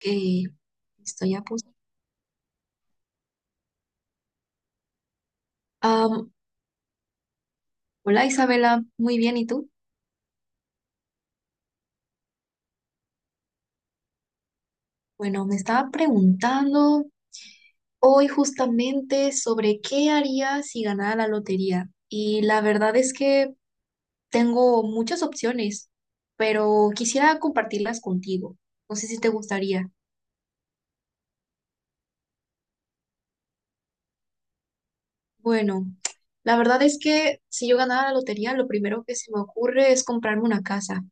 Eh, estoy a punto. Am, Hola Isabela, muy bien, ¿y tú? Bueno, me estaba preguntando hoy justamente sobre qué haría si ganara la lotería. Y la verdad es que tengo muchas opciones, pero quisiera compartirlas contigo. No sé si te gustaría. Bueno, la verdad es que si yo ganara la lotería, lo primero que se me ocurre es comprarme una casa.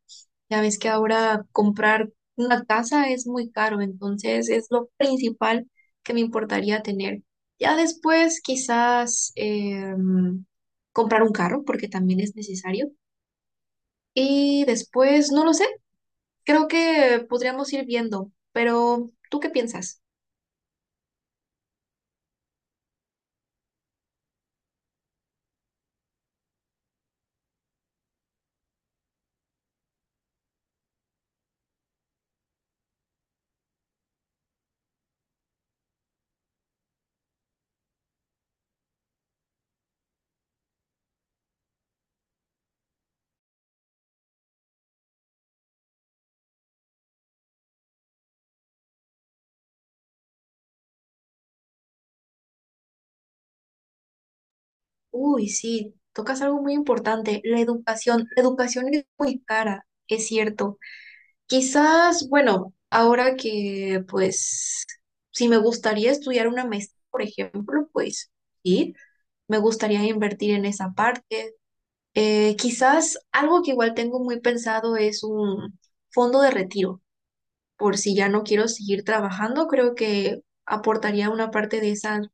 Ya ves que ahora comprar una casa es muy caro, entonces es lo principal que me importaría tener. Ya después quizás comprar un carro, porque también es necesario. Y después, no lo sé, creo que podríamos ir viendo, pero ¿tú qué piensas? Uy, sí, tocas algo muy importante, la educación. La educación es muy cara, es cierto. Quizás, bueno, ahora que pues si me gustaría estudiar una maestría, por ejemplo, pues sí, me gustaría invertir en esa parte. Quizás algo que igual tengo muy pensado es un fondo de retiro, por si ya no quiero seguir trabajando, creo que aportaría una parte de esa, de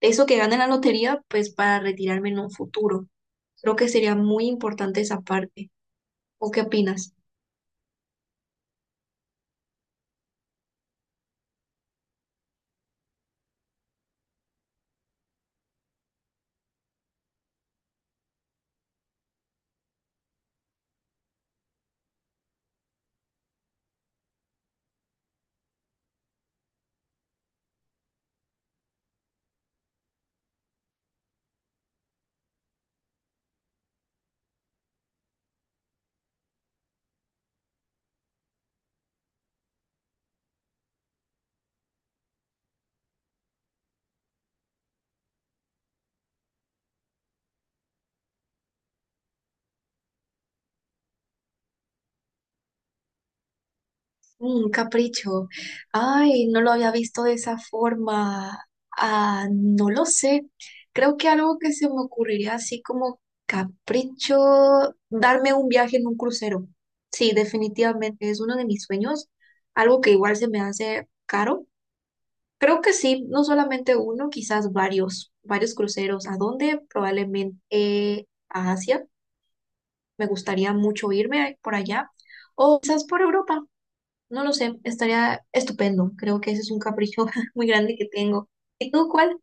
eso que gane la lotería, pues para retirarme en un futuro. Creo que sería muy importante esa parte. ¿O qué opinas? Un capricho. Ay, no lo había visto de esa forma. Ah, no lo sé. Creo que algo que se me ocurriría así como capricho, darme un viaje en un crucero. Sí, definitivamente es uno de mis sueños. Algo que igual se me hace caro. Creo que sí, no solamente uno, quizás varios, varios cruceros. ¿A dónde? Probablemente a Asia. Me gustaría mucho irme por allá. O quizás por Europa. No lo sé, estaría estupendo. Creo que ese es un capricho muy grande que tengo. ¿Y tú cuál?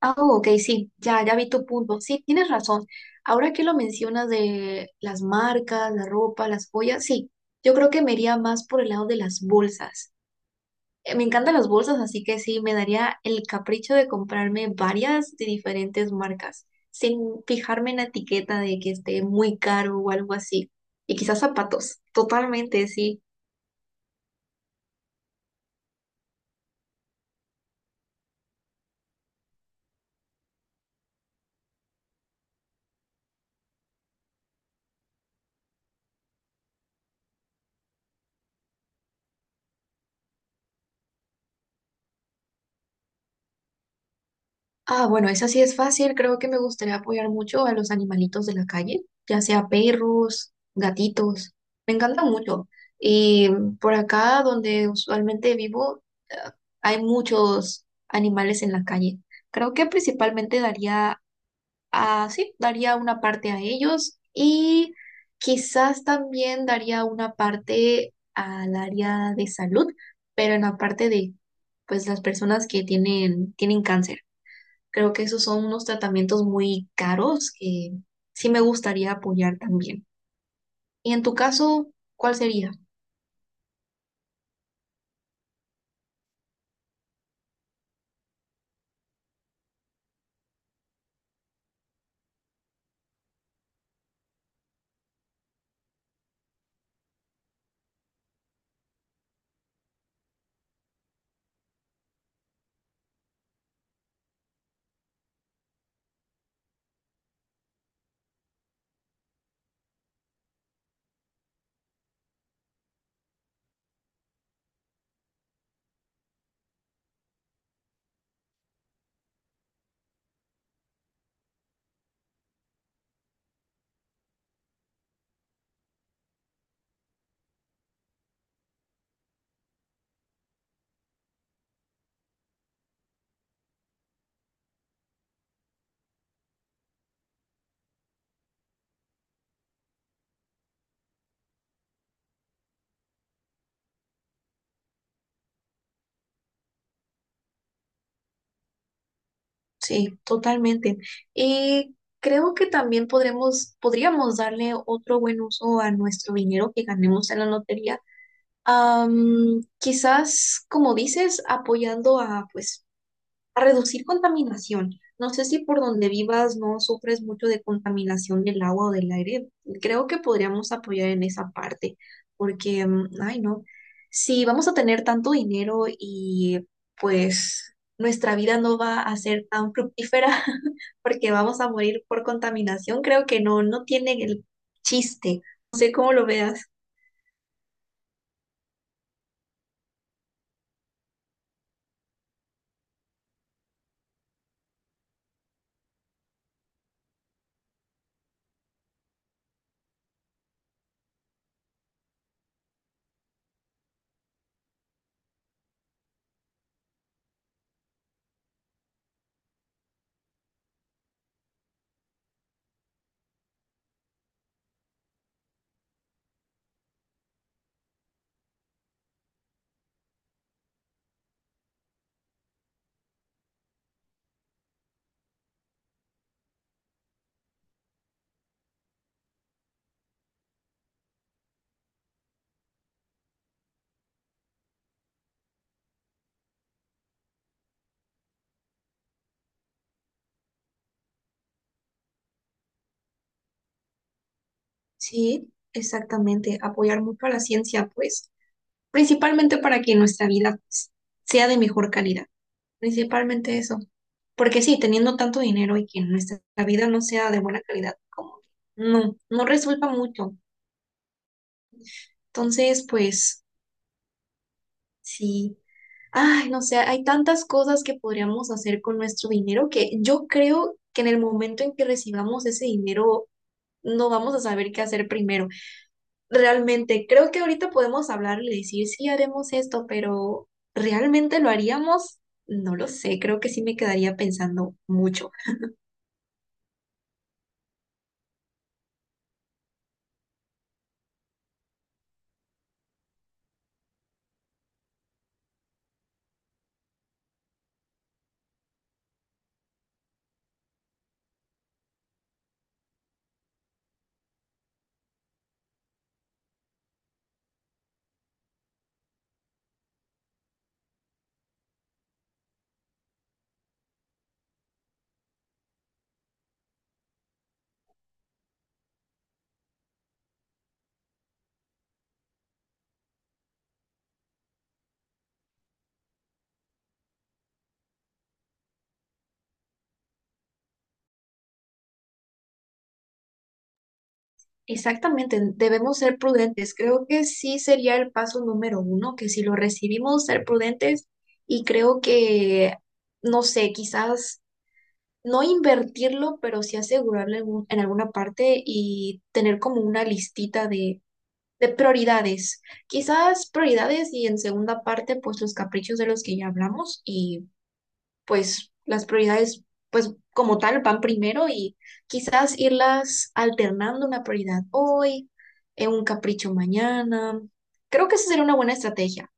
Ah, ok, sí, ya, ya vi tu punto. Sí, tienes razón. Ahora que lo mencionas de las marcas, la ropa, las joyas, sí, yo creo que me iría más por el lado de las bolsas. Me encantan las bolsas, así que sí, me daría el capricho de comprarme varias de diferentes marcas, sin fijarme en la etiqueta de que esté muy caro o algo así. Y quizás zapatos, totalmente, sí. Ah, bueno, esa sí es fácil. Creo que me gustaría apoyar mucho a los animalitos de la calle, ya sea perros, gatitos. Me encantan mucho. Y por acá, donde usualmente vivo, eh, hay muchos animales en la calle. Creo que principalmente daría a, sí, daría una parte a ellos y quizás también daría una parte al área de salud, pero en la parte de, pues, las personas que tienen cáncer. Creo que esos son unos tratamientos muy caros que sí me gustaría apoyar también. Y en tu caso, ¿cuál sería? Sí, totalmente. Y creo que también podríamos darle otro buen uso a nuestro dinero que ganemos en la lotería. Quizás, como dices, apoyando a pues a reducir contaminación. No sé si por donde vivas no sufres mucho de contaminación del agua o del aire. Creo que podríamos apoyar en esa parte, porque, ay, no, si vamos a tener tanto dinero y pues nuestra vida no va a ser tan fructífera porque vamos a morir por contaminación, creo que no, no tiene el chiste. No sé cómo lo veas. Sí, exactamente, apoyar mucho a la ciencia, pues, principalmente para que nuestra vida, pues, sea de mejor calidad, principalmente eso. Porque sí, teniendo tanto dinero y que nuestra vida no sea de buena calidad, como que no, no resulta mucho. Entonces, pues sí, ay, no sé, hay tantas cosas que podríamos hacer con nuestro dinero que yo creo que en el momento en que recibamos ese dinero no vamos a saber qué hacer primero. Realmente creo que ahorita podemos hablar y decir, sí, haremos esto, pero ¿realmente lo haríamos? No lo sé, creo que sí me quedaría pensando mucho. Exactamente, debemos ser prudentes. Creo que sí sería el paso número 1, que si lo recibimos, ser prudentes y creo que, no sé, quizás no invertirlo, pero sí asegurarle algún- en alguna parte y tener como una listita de prioridades. Quizás prioridades y en segunda parte, pues los caprichos de los que ya hablamos y pues las prioridades, pues como tal, van primero y quizás irlas alternando una prioridad hoy, un capricho mañana. Creo que esa sería una buena estrategia.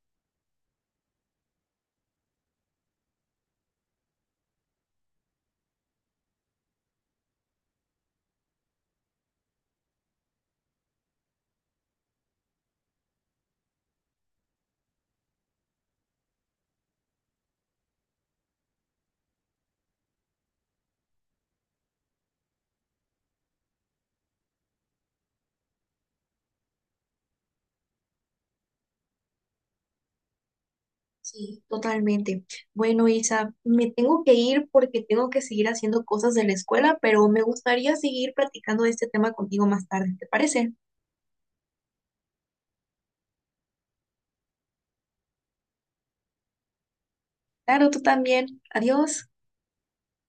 Sí, totalmente. Bueno, Isa, me tengo que ir porque tengo que seguir haciendo cosas de la escuela, pero me gustaría seguir platicando de este tema contigo más tarde, ¿te parece? Claro, tú también. Adiós.